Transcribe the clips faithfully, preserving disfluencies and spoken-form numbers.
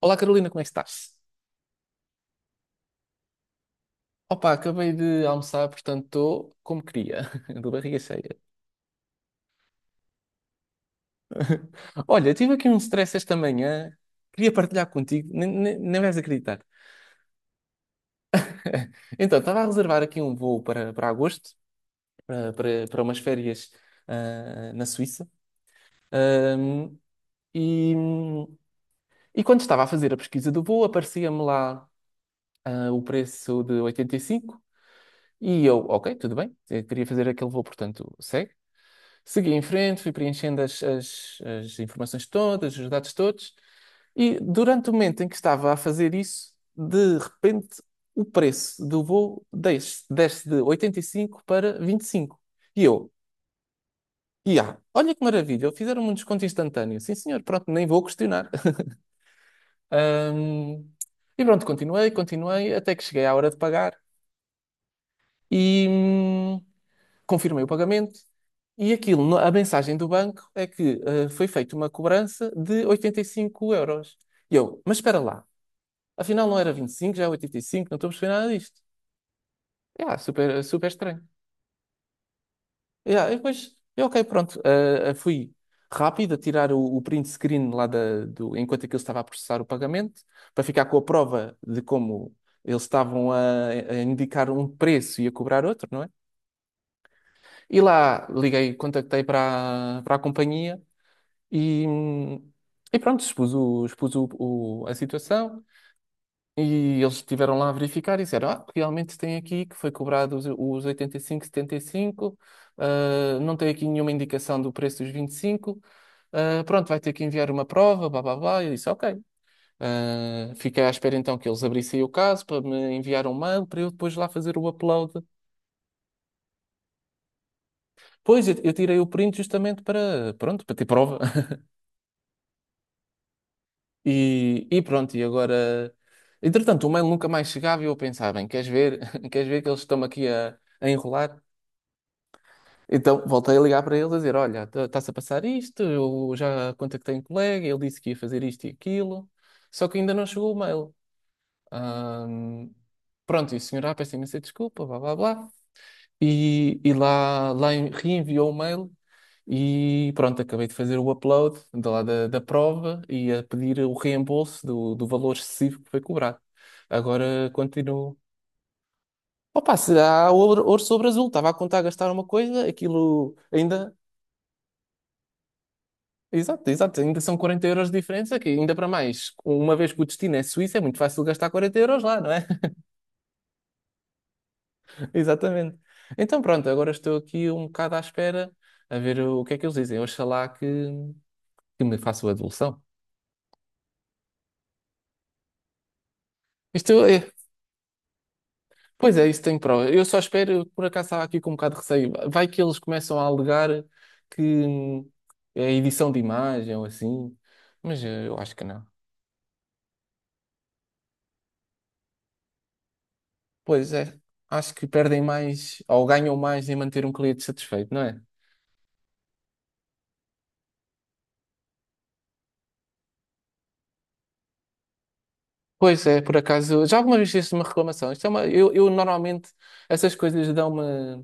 Olá, Carolina, como é que estás? Opa, acabei de almoçar, portanto estou como queria, de barriga cheia. Olha, tive aqui um stress esta manhã, queria partilhar contigo, nem, nem, nem vais acreditar. Então, estava a reservar aqui um voo para, para agosto, para, para, para umas férias ah, na Suíça. Ahm, e, e quando estava a fazer a pesquisa do voo, aparecia-me lá ah, o preço de oitenta e cinco e cinco, e eu, ok, tudo bem, eu queria fazer aquele voo, portanto, segui em frente, fui preenchendo as, as, as informações todas, os dados todos, e durante o momento em que estava a fazer isso, de repente o preço do voo desce, desce de oitenta e cinco para vinte e cinco. E eu, e ah, olha que maravilha, fizeram-me um desconto instantâneo. Sim, senhor, pronto, nem vou questionar. Ahm, e pronto, continuei, continuei até que cheguei à hora de pagar e. hum, confirmei o pagamento e aquilo, no- a mensagem do banco é que eh, foi feita uma cobrança de oitenta e cinco euros. E eu, mas espera lá, afinal não era vinte e cinco, já é oitenta e cinco, não estou a perceber nada disto. Yeah, super, super estranho. Yeah, e depois, eu, ok, pronto, eh, eh, fui rápido a tirar o, o print screen lá da, do, enquanto aquilo estava a processar o pagamento, para ficar com a prova de como eles estavam a, a indicar um preço e a cobrar outro, não é? E lá liguei, contactei para, a- para a companhia. E, e pronto, expus, o, expus o, o- a situação e eles estiveram lá a verificar e disseram: ah, realmente tem aqui que foi cobrado os, os oitenta e cinco, setenta e cinco, ah, não tem aqui nenhuma indicação do preço dos vinte e cinco, ah, pronto, vai ter que enviar uma prova, blá blá blá. E eu disse: ok. Ah, fiquei à espera então que eles abrissem o caso para me enviar um mail para eu depois lá fazer o upload. Pois, eu, eu tirei o print justamente para, pronto, para ter prova. E, e pronto, e agora. Entretanto, o mail nunca mais chegava e eu pensava, bem, queres ver? Queres ver que eles estão aqui a, a enrolar? Então voltei a ligar para eles a dizer: olha, tá- está-se a passar isto, eu já contactei um colega, ele disse que ia fazer isto e aquilo, só que ainda não chegou o mail. Ahm, pronto, e o senhor, ah, peço imensa desculpa, blá blá blá, e, e lá, lá em- reenviou o mail, e pronto, acabei de fazer o upload da, lá da, da prova e a pedir o reembolso do, do valor excessivo que foi cobrado. Agora continuo. Opa, se há ouro, ouro sobre azul, estava a contar gastar uma coisa, aquilo ainda. Exato, exato, ainda são quarenta euros de diferença, que ainda para mais, uma vez que o destino é Suíça, é muito fácil gastar quarenta euros lá, não é? Exatamente. Então pronto, agora estou aqui um bocado à espera a ver o que é que eles dizem. Oxalá que, que me façam a devolução. Isto é, pois é, isso tem prova. Eu só espero, por acaso estava aqui com um bocado de receio. Vai que eles começam a alegar que hum, é edição de imagem ou assim, mas eh, eu acho que não. Pois é, acho que perdem mais ou ganham mais em manter um cliente satisfeito, não é? Pois é, por acaso, já alguma vez fizeste uma reclamação? Isto é uma, eu, eu normalmente essas coisas dão uma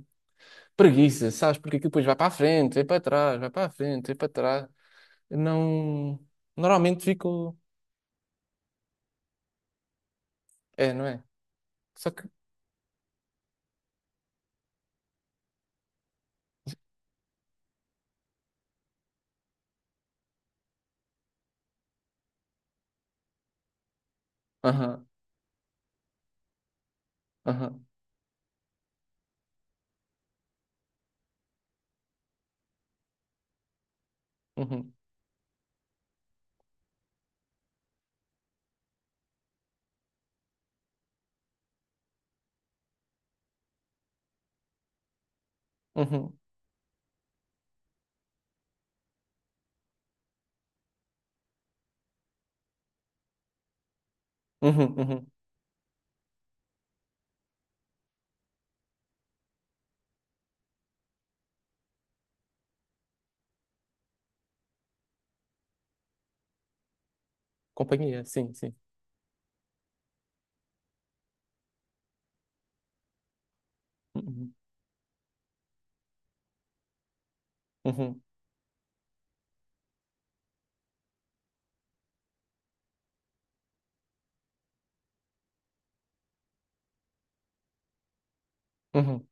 preguiça, sabes? Porque aquilo depois vai para a frente, vai para trás, vai para a frente, vai para trás. Não, normalmente fico. É, não é? Só que. Aham, aham, uhum, uhum, uhum, uhum. Companhia, sim, sim. Uhum, uhum, uhum,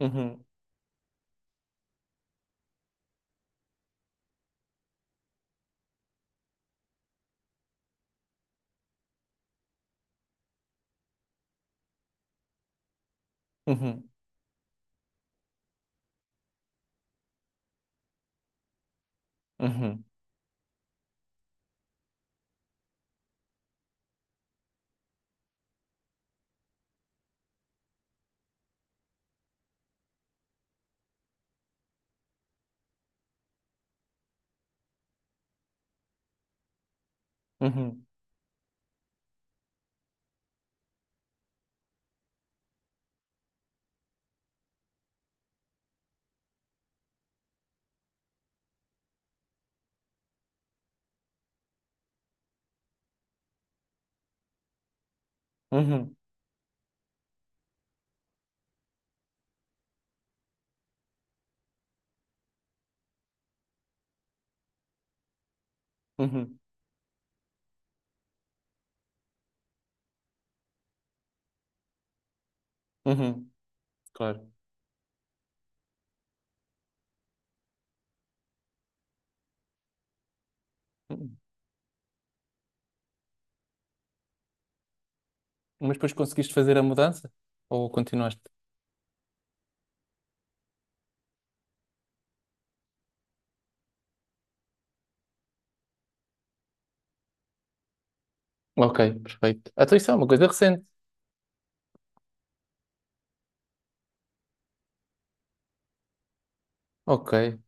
uhum, uhum, uhum, uhum, uhum, uhum, uhum. Claro. Uhum. Mas depois conseguiste fazer a mudança? Ou continuaste? Ok, perfeito. Então isso é uma coisa recente. Ok.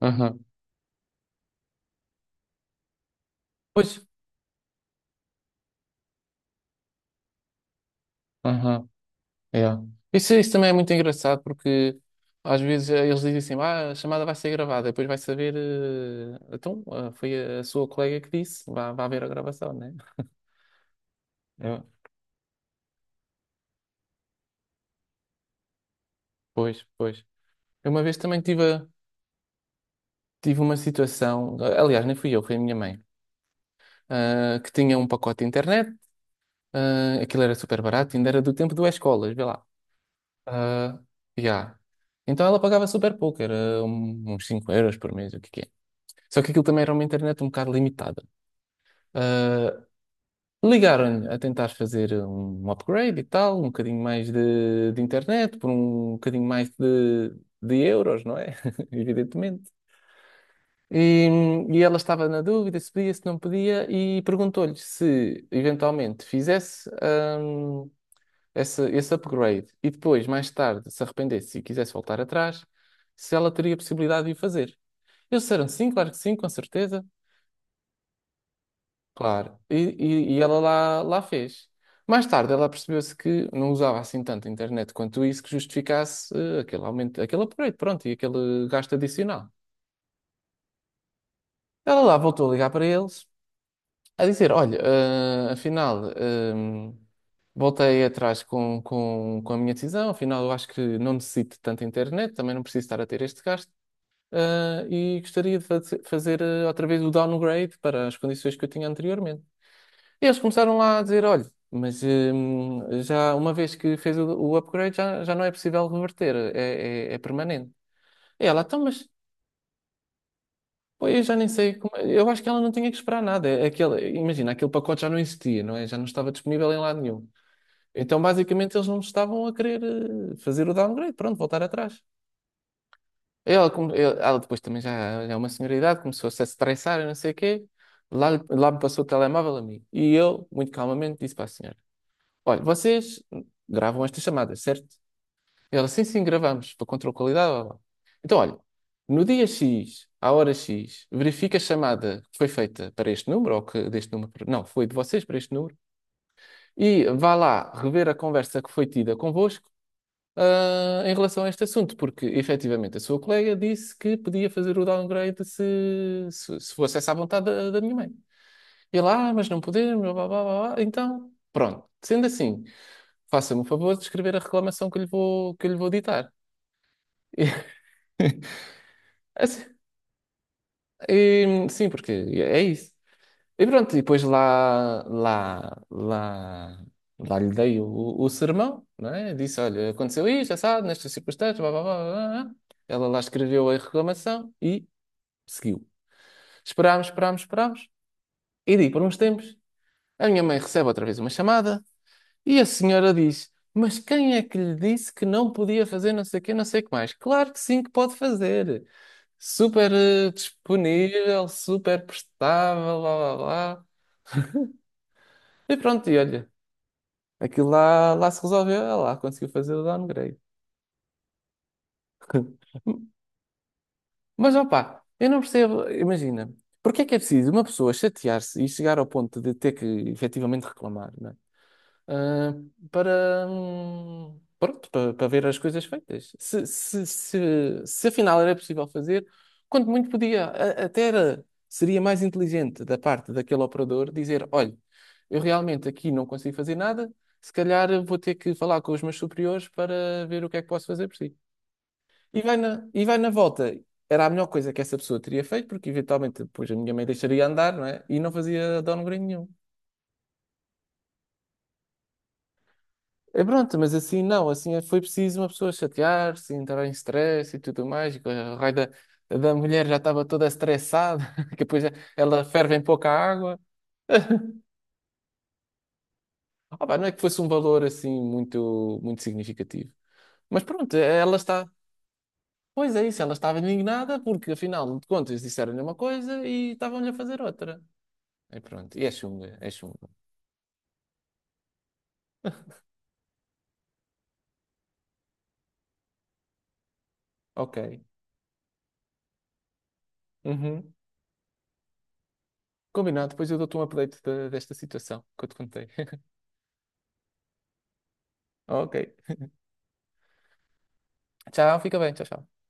Aham. Pois. Aham. Yeah. Isso, isso também é muito engraçado porque às vezes eh, eles dizem assim, ah, a chamada vai ser gravada, depois vai saber, eh, então, ah, foi a, a sua colega que disse, vá, vá ver a gravação, né? Eu, pois, pois. Eu uma vez também tive, a- tive uma situação, ah, aliás, nem fui eu, foi a minha mãe, ah, que tinha um pacote de internet, ah, aquilo era super barato, ainda era do tempo do escolas, vê lá. Ah, yeah. Então ela pagava super pouco, era um- uns cinco euros por mês, o que que é. Só que aquilo também era uma internet um bocado limitada. Eh, Ligaram-lhe a tentar fazer um upgrade e tal, um bocadinho mais de, de internet, por um bocadinho mais de, de euros, não é? Evidentemente. E, e ela estava na dúvida se podia, se não podia, e perguntou-lhe se eventualmente fizesse hum, essa- esse upgrade e depois, mais tarde, se arrependesse e quisesse voltar atrás, se ela teria possibilidade de o fazer. Eles disseram sim, claro que sim, com certeza. Claro. E, e, e ela lá, lá fez. Mais tarde, ela percebeu-se que não usava assim tanto a internet quanto isso que justificasse eh, aquele aumento, aquele upgrade, pronto, e aquele gasto adicional. Ela lá voltou a ligar para eles, a dizer: olha, eh, afinal, eh, voltei atrás com, com, com a minha decisão, afinal, eu acho que não necessito de tanta internet, também não preciso estar a ter este gasto, eh, e gostaria de faze- fazer eh, outra vez o downgrade para as condições que eu tinha anteriormente. Eles começaram lá a dizer, olha, mas hum, já uma vez que fez o, o upgrade, já, já não é possível reverter, é, é, é permanente. E ela, então, mas pô, eu já nem sei como. É, eu acho que ela não tinha que esperar nada. É aquele, imagina, aquele pacote já não existia, não é? Já não estava disponível em lado nenhum. Então, basicamente, eles não estavam a querer eh, fazer o downgrade, pronto, voltar atrás. Ela, come- eu- ela depois também já, já é uma senhora de idade, começou-se a estressar e não sei o quê. Lá, lá me passou o telemóvel a mim. E eu, muito calmamente, disse para a senhora: olha, vocês gravam estas chamadas, certo? Ela, sim, sim, gravamos, para controle de qualidade, blá, blá. Então, olha, no dia X, à hora X, verifica a chamada que foi feita para este número, ou que deste número, para- não, foi de vocês para este número, e vá lá rever a conversa que foi tida convosco, ah, em relação a este assunto, porque efetivamente a sua colega disse que podia fazer o downgrade se, se, se fosse essa a vontade da, da minha mãe. E ele, ah, mas não podemos, blá, blá, blá, blá, blá. Então, pronto. Sendo assim, faça-me o favor de escrever a reclamação que eu lhe vou, que eu lhe vou ditar. E, assim, e, sim, porque é isso. E pronto, e depois lá, lá, lá, lá lhe dei o, o sermão, não é? Disse, olha, aconteceu isto, assado, nestas circunstâncias, blá, blá, blá, blá, blá. Ela lá escreveu a reclamação e seguiu. Esperámos, esperámos, esperámos. E daí, por uns tempos, a minha mãe recebe outra vez uma chamada. E a senhora diz: mas quem é que lhe disse que não podia fazer não sei o quê, não sei o que mais? Claro que sim, que pode fazer. Super eh, disponível, super prestável, blá blá blá. E pronto, e olha, aquilo lá, lá se resolveu, ela lá conseguiu fazer o downgrade. Mas opá, eu não percebo, imagina, porque é que é preciso uma pessoa chatear-se e chegar ao ponto de ter que efetivamente reclamar, não é? ah, Para, hum, pronto, para, para ver as coisas feitas. Se, se, se, se afinal era possível fazer, quanto muito podia, a- até era, seria mais inteligente da parte daquele operador dizer: olha, eu realmente aqui não consigo fazer nada, se calhar vou ter que falar com os meus superiores para ver o que é que posso fazer por si. E vai na, e vai na volta. Era a melhor coisa que essa pessoa teria feito, porque eventualmente depois a minha mãe deixaria andar, não é? E não fazia downgrade nenhum. É pronto, mas assim não, assim é, foi preciso uma pessoa chatear-se, assim, entrar em stress e tudo mais, e que a raio da, da mulher já estava toda estressada, que depois ela ferve em pouca água. Opa, não é que fosse um valor assim muito, muito significativo. Mas pronto, ela está. Pois é isso, ela estava indignada porque afinal de contas disseram-lhe uma coisa e estavam-lhe a fazer outra. E pronto, e é chunga, é chunga. Ok. Uhum. Combinado, depois eu dou-te um update da- desta situação que eu te contei. Ok. Tchau, fica bem, tchau, tchau.